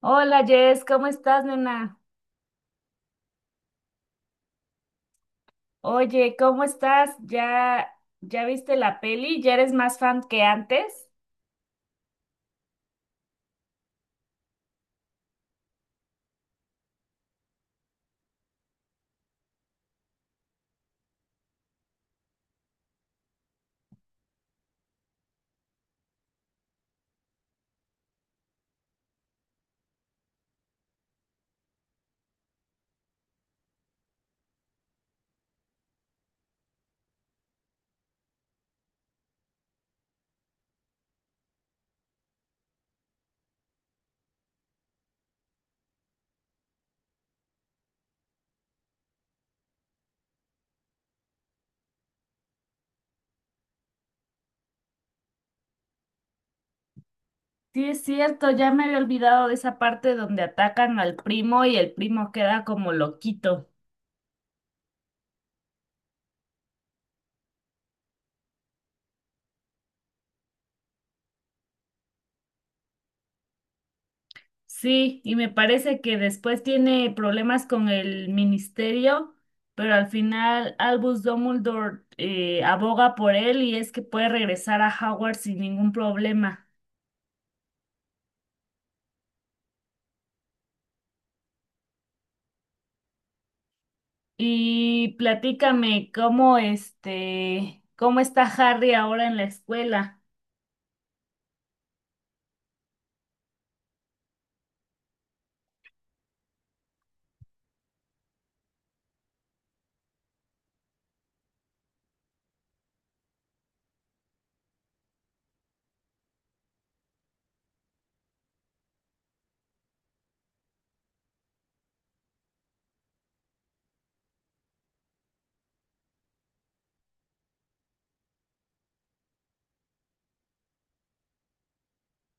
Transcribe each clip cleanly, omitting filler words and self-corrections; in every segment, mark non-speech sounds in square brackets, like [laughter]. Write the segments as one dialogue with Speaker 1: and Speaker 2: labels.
Speaker 1: Hola Jess, ¿cómo estás, nena? Oye, ¿cómo estás? ¿Ya, ya viste la peli? ¿Ya eres más fan que antes? Sí, es cierto, ya me había olvidado de esa parte donde atacan al primo y el primo queda como loquito. Sí, y me parece que después tiene problemas con el ministerio, pero al final Albus Dumbledore aboga por él y es que puede regresar a Howard sin ningún problema. Y platícame cómo este, cómo está Harry ahora en la escuela.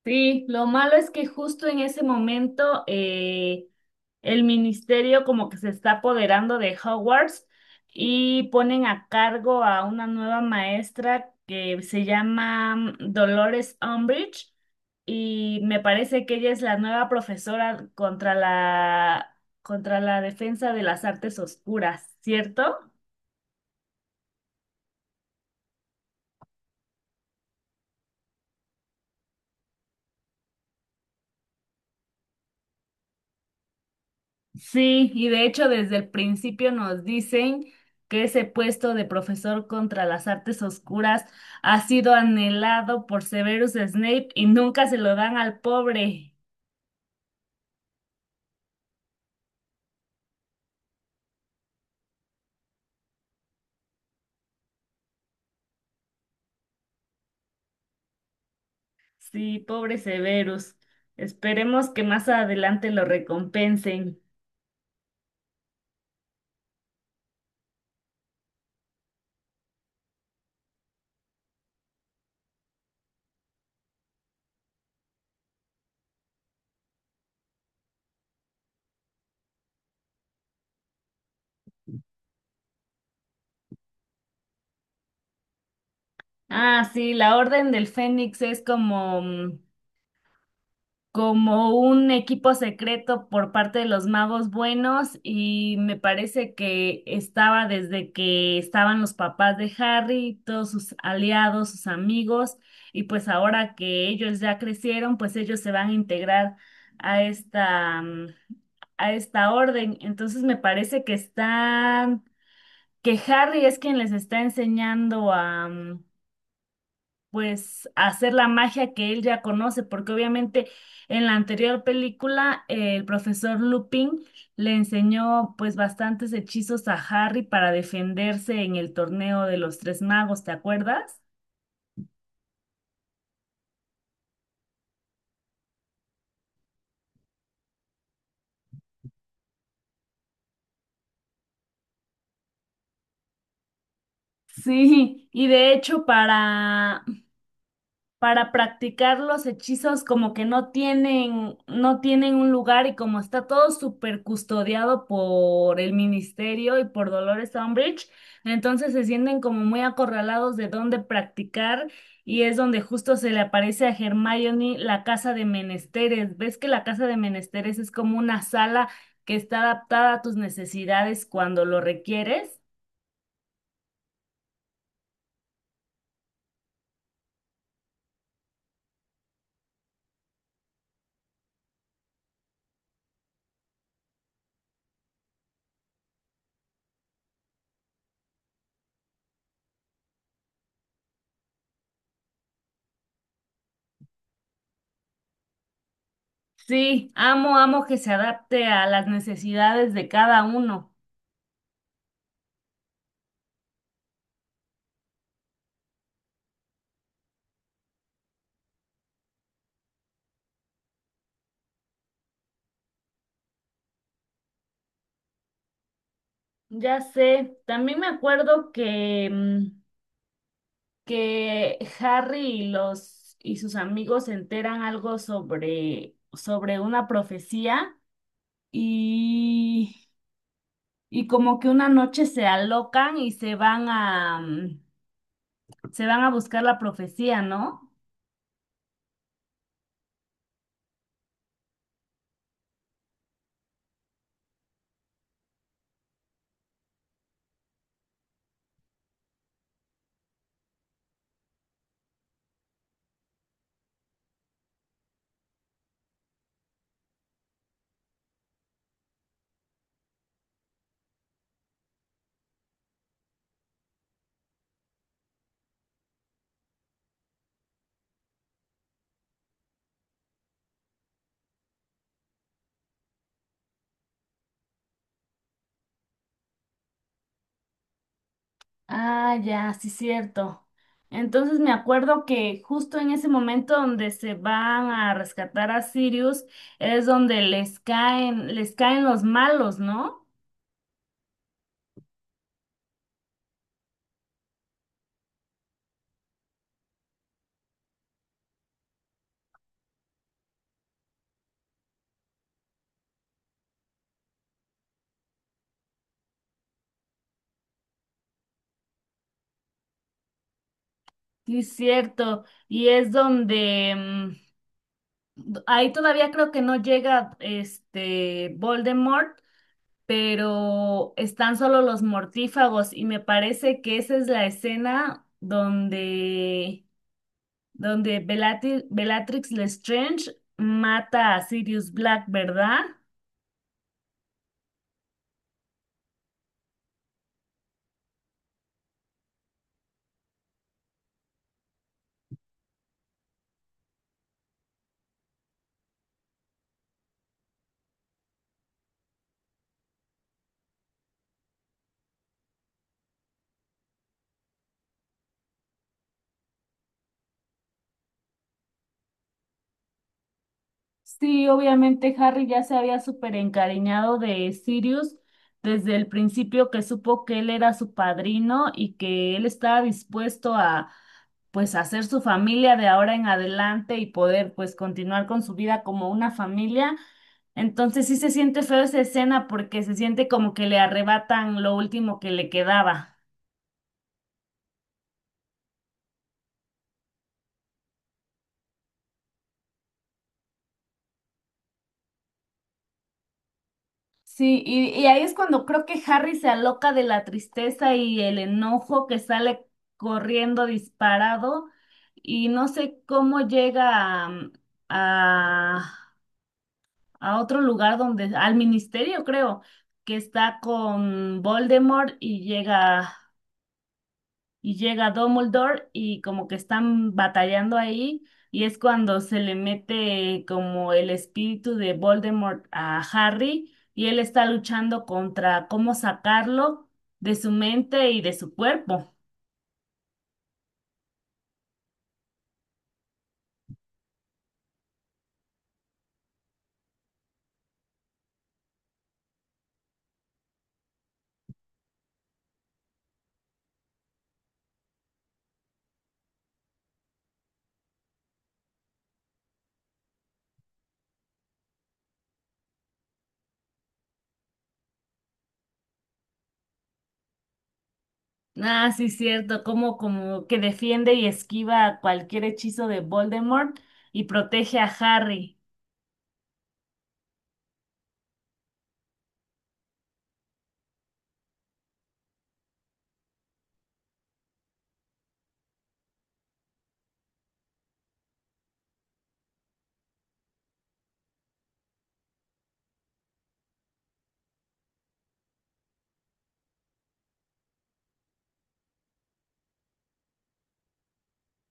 Speaker 1: Sí, lo malo es que justo en ese momento el ministerio como que se está apoderando de Hogwarts y ponen a cargo a una nueva maestra que se llama Dolores Umbridge y me parece que ella es la nueva profesora contra la defensa de las artes oscuras, ¿cierto? Sí, y de hecho desde el principio nos dicen que ese puesto de profesor contra las artes oscuras ha sido anhelado por Severus Snape y nunca se lo dan al pobre. Sí, pobre Severus. Esperemos que más adelante lo recompensen. Ah, sí, la Orden del Fénix es como como un equipo secreto por parte de los magos buenos y me parece que estaba desde que estaban los papás de Harry, todos sus aliados, sus amigos, y pues ahora que ellos ya crecieron, pues ellos se van a integrar a esta a esta orden. Entonces me parece que están que Harry es quien les está enseñando a pues hacer la magia que él ya conoce, porque obviamente en la anterior película el profesor Lupin le enseñó pues bastantes hechizos a Harry para defenderse en el torneo de los tres magos, ¿te acuerdas? Sí, y de hecho para practicar los hechizos como que no tienen un lugar, y como está todo súper custodiado por el ministerio y por Dolores Umbridge, entonces se sienten como muy acorralados de dónde practicar y es donde justo se le aparece a Hermione la casa de menesteres. ¿Ves que la casa de menesteres es como una sala que está adaptada a tus necesidades cuando lo requieres? Sí, amo, amo que se adapte a las necesidades de cada uno. Ya sé, también me acuerdo que, que Harry y los y sus amigos se enteran algo sobre, sobre una profecía y, y como que una noche se alocan y se van a se van a buscar la profecía, ¿no? Ah, ya, sí, cierto. Entonces me acuerdo que justo en ese momento donde se van a rescatar a Sirius es donde les caen los malos, ¿no? Sí, es cierto. Y es donde ahí todavía creo que no llega este Voldemort, pero están solo los mortífagos. Y me parece que esa es la escena donde, donde Bellatrix Lestrange mata a Sirius Black, ¿verdad? Sí, obviamente Harry ya se había súper encariñado de Sirius desde el principio que supo que él era su padrino y que él estaba dispuesto a pues hacer su familia de ahora en adelante y poder pues continuar con su vida como una familia. Entonces sí se siente feo esa escena porque se siente como que le arrebatan lo último que le quedaba. Sí, y ahí es cuando creo que Harry se aloca de la tristeza y el enojo que sale corriendo disparado y no sé cómo llega a, a otro lugar donde, al ministerio creo, que está con Voldemort y llega Dumbledore y como que están batallando ahí, y es cuando se le mete como el espíritu de Voldemort a Harry y él está luchando contra cómo sacarlo de su mente y de su cuerpo. Ah, sí, cierto, como, como que defiende y esquiva cualquier hechizo de Voldemort y protege a Harry.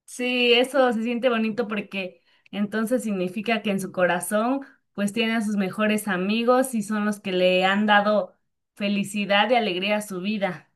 Speaker 1: Sí, eso se siente bonito porque entonces significa que en su corazón pues tiene a sus mejores amigos y son los que le han dado felicidad y alegría a su vida.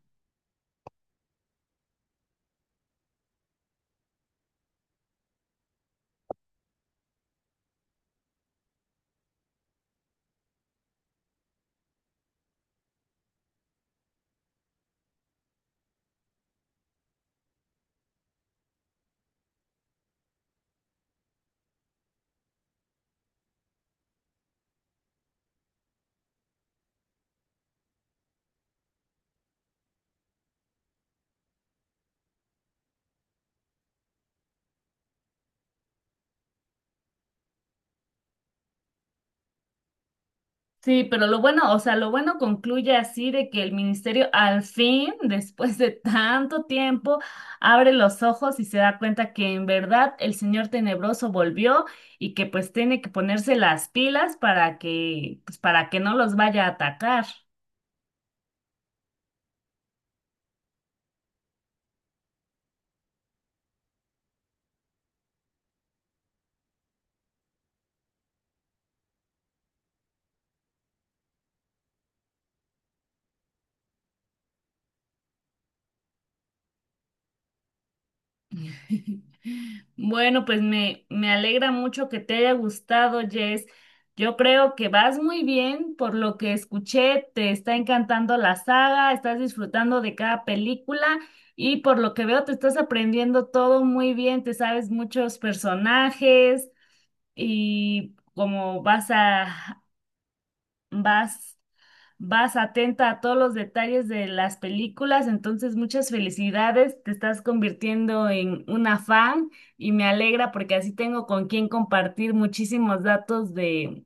Speaker 1: Sí, pero lo bueno, o sea, lo bueno concluye así de que el ministerio al fin, [laughs] después de tanto tiempo, abre los ojos y se da cuenta que en verdad el señor tenebroso volvió, y que pues tiene que ponerse las pilas para que pues para que no los vaya a atacar. [laughs] Bueno, pues me alegra mucho que te haya gustado, Jess. Yo creo que vas muy bien, por lo que escuché, te está encantando la saga, estás disfrutando de cada película y por lo que veo te estás aprendiendo todo muy bien, te sabes muchos personajes y como vas a, vas Vas atenta a todos los detalles de las películas, entonces muchas felicidades, te estás convirtiendo en una fan y me alegra porque así tengo con quien compartir muchísimos datos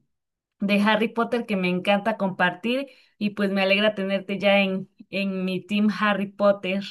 Speaker 1: de Harry Potter que me encanta compartir y pues me alegra tenerte ya en mi team Harry Potter.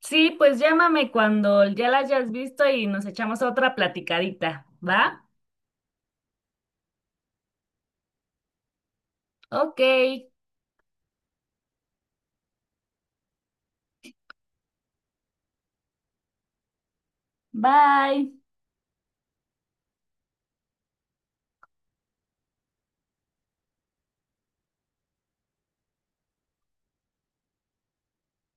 Speaker 1: Sí, pues llámame cuando ya la hayas visto y nos echamos otra platicadita, ¿va? Ok, bye.